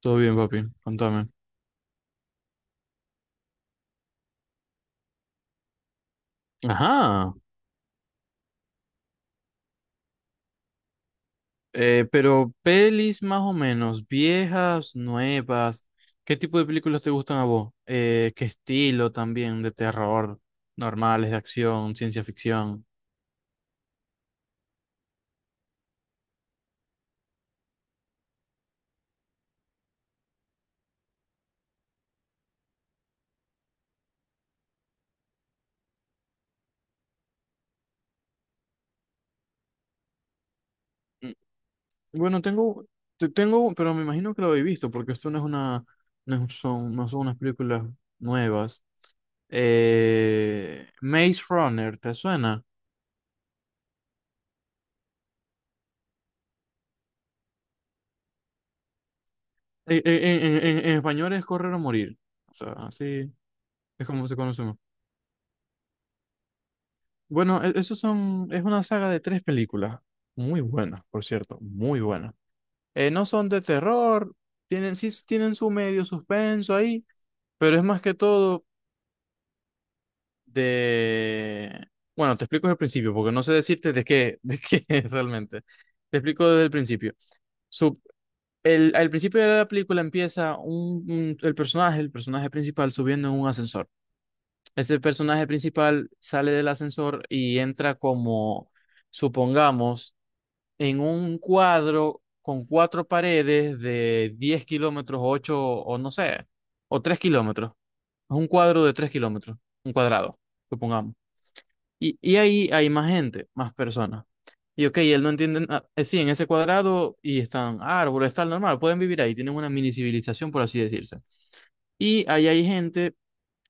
Todo bien, papi. Contame. Ajá. Pero pelis más o menos, viejas, nuevas. ¿Qué tipo de películas te gustan a vos? ¿Qué estilo también? ¿De terror? Normales, de acción, ciencia ficción. Mm, Bueno, tengo, te tengo, pero me imagino que lo habéis visto, porque esto no es una, no son unas películas nuevas. Maze Runner, ¿te suena? En español es Correr o Morir. O sea, así es como se conoce. Bueno, esos son, es una saga de tres películas, muy buenas, por cierto, muy buenas. No son de terror, tienen, tienen su medio suspenso ahí, pero es más que todo de... Bueno, te explico desde el principio, porque no sé decirte de qué, de qué es realmente. Te explico desde el principio. Su- Al principio de la película empieza el personaje principal subiendo en un ascensor. Ese personaje principal sale del ascensor y entra como, supongamos, en un cuadro con cuatro paredes de 10 kilómetros, 8 o no sé, o 3 kilómetros. Es un cuadro de 3 kilómetros, un cuadrado, supongamos. Y ahí hay más gente, más personas. Y ok, él no entiende nada. Sí, en ese cuadrado y están árboles, tal, normal, pueden vivir ahí, tienen una mini civilización, por así decirse. Y ahí hay gente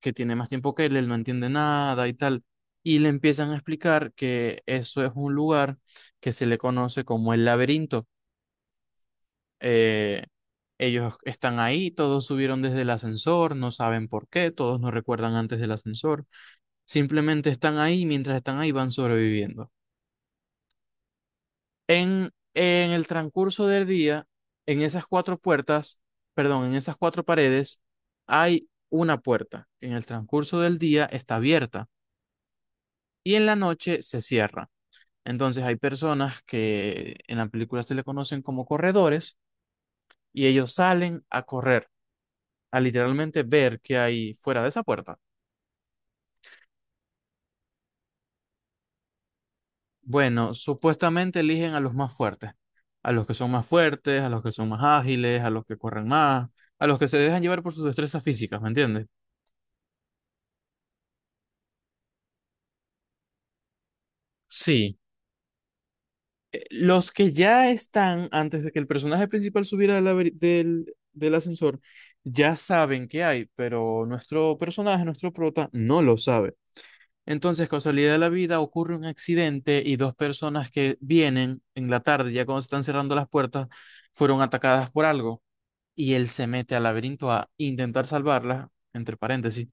que tiene más tiempo que él no entiende nada y tal. Y le empiezan a explicar que eso es un lugar que se le conoce como el laberinto. Eh, ellos están ahí, todos subieron desde el ascensor, no saben por qué, todos no recuerdan antes del ascensor, simplemente están ahí, y mientras están ahí van sobreviviendo. En el transcurso del día, en esas cuatro puertas, perdón, en esas cuatro paredes, hay una puerta que en el transcurso del día está abierta y en la noche se cierra. Entonces hay personas que en la película se le conocen como corredores y ellos salen a correr a literalmente ver qué hay fuera de esa puerta. Bueno, supuestamente eligen a los más fuertes, a los que son más fuertes, a los que son más ágiles, a los que corren más, a los que se dejan llevar por sus destrezas físicas, ¿me entiendes? Sí, los que ya están, antes de que el personaje principal subiera del ascensor, ya saben qué hay, pero nuestro personaje, nuestro prota, no lo sabe. Entonces, casualidad de la vida, ocurre un accidente y dos personas que vienen en la tarde, ya cuando se están cerrando las puertas, fueron atacadas por algo. Y él se mete al laberinto a intentar salvarlas, entre paréntesis,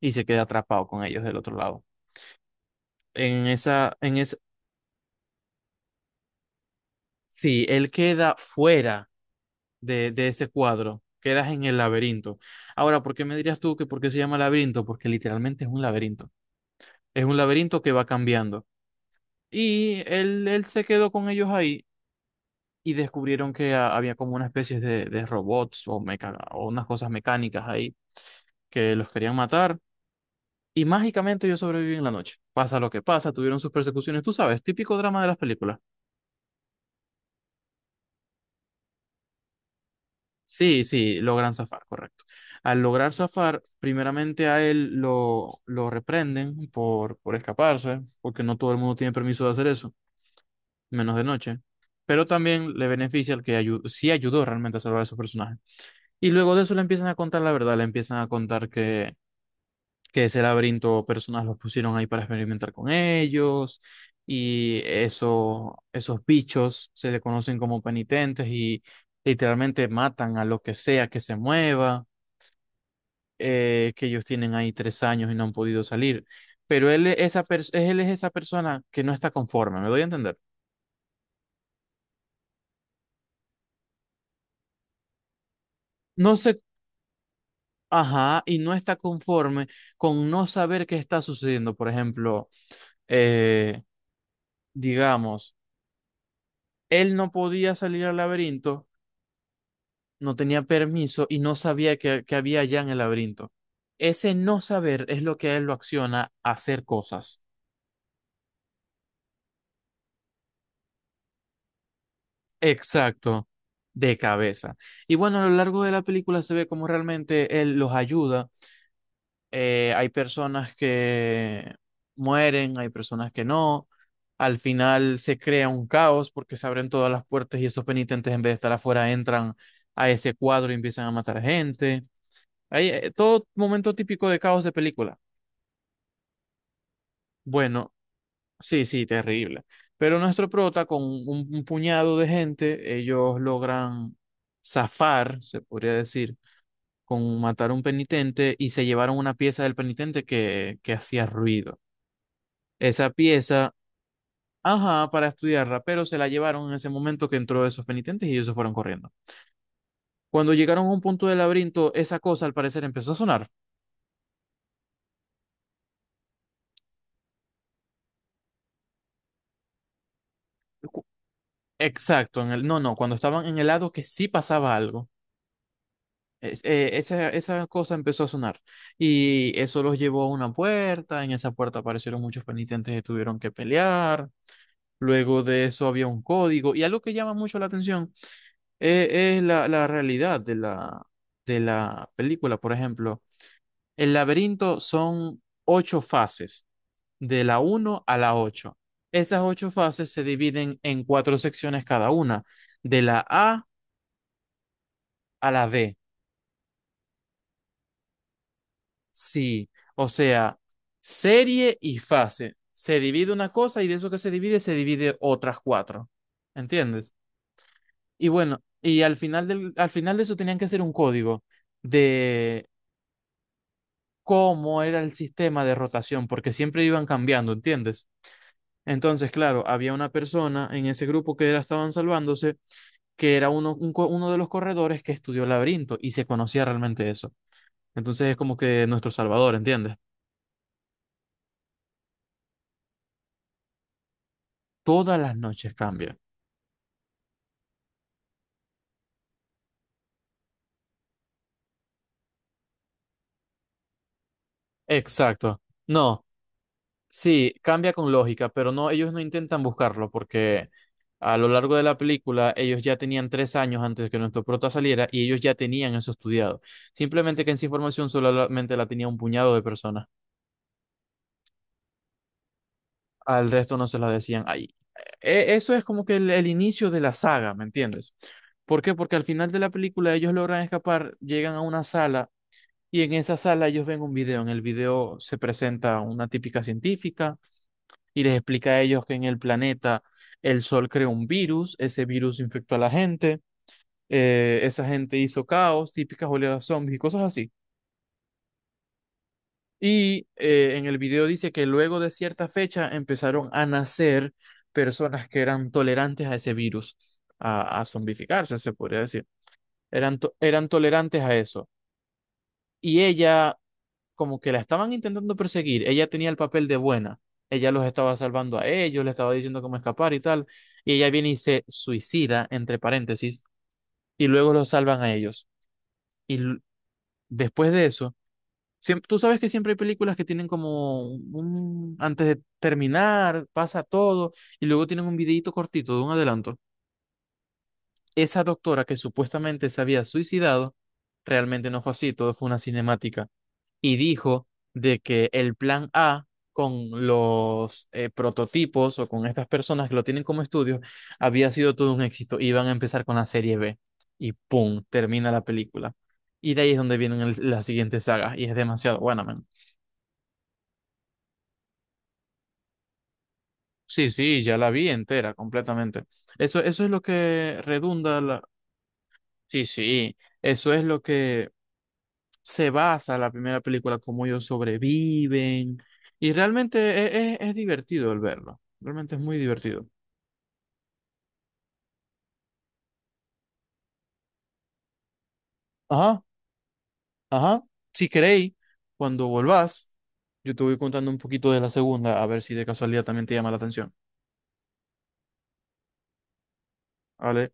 y se queda atrapado con ellos del otro lado. En esa, en esa, sí, él queda fuera de ese cuadro, quedas en el laberinto. Ahora, ¿por qué me dirías tú que por qué se llama laberinto? Porque literalmente es un laberinto. Es un laberinto que va cambiando. Y él se quedó con ellos ahí y descubrieron que había como una especie de robots o, o unas cosas mecánicas ahí que los querían matar. Y mágicamente ellos sobreviven la noche. Pasa lo que pasa, tuvieron sus persecuciones, tú sabes, típico drama de las películas. Sí, sí, logran zafar, correcto. Al lograr zafar, primeramente a él lo reprenden por escaparse, porque no todo el mundo tiene permiso de hacer eso, menos de noche. Pero también le beneficia el que sí ayudó realmente a salvar a su personaje. Y luego de eso le empiezan a contar la verdad, le empiezan a contar que ese laberinto personas los pusieron ahí para experimentar con ellos y eso, esos bichos se le conocen como penitentes y literalmente matan a lo que sea que se mueva, que ellos tienen ahí 3 años y no han podido salir. Pero él, es esa él es esa persona que no está conforme, ¿me doy a entender? No se, ajá, y no está conforme con no saber qué está sucediendo. Por ejemplo, eh, digamos, él no podía salir al laberinto, no tenía permiso y no sabía que había allá en el laberinto. Ese no saber es lo que a él lo acciona a hacer cosas. Exacto, de cabeza. Y bueno, a lo largo de la película se ve cómo realmente él los ayuda. Hay personas que mueren, hay personas que no. Al final se crea un caos porque se abren todas las puertas y esos penitentes en vez de estar afuera entran a ese cuadro y empiezan a matar gente. Hay, todo momento típico de caos de película. Bueno, sí, sí, terrible. Pero nuestro prota, con un puñado de gente, ellos logran zafar, se podría decir, con matar a un penitente y se llevaron una pieza del penitente que hacía ruido. Esa pieza, ajá, para estudiarla, pero se la llevaron en ese momento que entró esos penitentes y ellos se fueron corriendo. Cuando llegaron a un punto del laberinto, esa cosa al parecer empezó a sonar. Cu- Exacto, en el, no, no, cuando estaban en el lado que sí pasaba algo. Esa cosa empezó a sonar y eso los llevó a una puerta. En esa puerta aparecieron muchos penitentes que tuvieron que pelear. Luego de eso había un código. Y algo que llama mucho la atención, es la realidad de de la película. Por ejemplo, el laberinto son 8 fases, de la uno a la ocho. Esas 8 fases se dividen en cuatro secciones cada una, de la A a la D. Sí, o sea, serie y fase. Se divide una cosa y de eso que se divide otras cuatro. ¿Entiendes? Y bueno, y al final, al final de eso tenían que hacer un código de cómo era el sistema de rotación, porque siempre iban cambiando, ¿entiendes? Entonces, claro, había una persona en ese grupo que era, estaban salvándose, que era uno, uno de los corredores que estudió laberinto y se conocía realmente eso. Entonces es como que nuestro salvador, ¿entiendes? Todas las noches cambia. Exacto. No, sí, cambia con lógica, pero no, ellos no intentan buscarlo porque a lo largo de la película ellos ya tenían 3 años antes de que nuestro prota saliera y ellos ya tenían eso estudiado. Simplemente que esa información solamente la tenía un puñado de personas. Al resto no se la decían. Ahí, eso es como que el inicio de la saga, ¿me entiendes? ¿Por qué? Porque al final de la película ellos logran escapar, llegan a una sala y en esa sala ellos ven un video. En el video se presenta una típica científica y les explica a ellos que en el planeta el sol creó un virus, ese virus infectó a la gente, esa gente hizo caos, típicas oleadas zombies y cosas así. Y en el video dice que luego de cierta fecha empezaron a nacer personas que eran tolerantes a ese virus, a zombificarse, se podría decir. Eran, eran tolerantes a eso. Y ella, como que la estaban intentando perseguir, ella tenía el papel de buena, ella los estaba salvando a ellos, le estaba diciendo cómo escapar y tal, y ella viene y se suicida, entre paréntesis, y luego los salvan a ellos. Y l- después de eso, tú sabes que siempre hay películas que tienen como un, antes de terminar, pasa todo, y luego tienen un videíto cortito de un adelanto. Esa doctora que supuestamente se había suicidado, realmente no fue así, todo fue una cinemática y dijo de que el plan A con los prototipos o con estas personas que lo tienen como estudio había sido todo un éxito. Iban a empezar con la serie B y ¡pum! Termina la película. Y de ahí es donde vienen las siguientes sagas y es demasiado buena, man. Sí, sí, ya la vi entera, completamente. Eso es lo que redunda la... Sí, sí, eso es lo que se basa la primera película, cómo ellos sobreviven. Y realmente es, es divertido el verlo. Realmente es muy divertido. Ajá, ajá. Si queréis, cuando volvás, yo te voy contando un poquito de la segunda, a ver si de casualidad también te llama la atención. ¿Vale?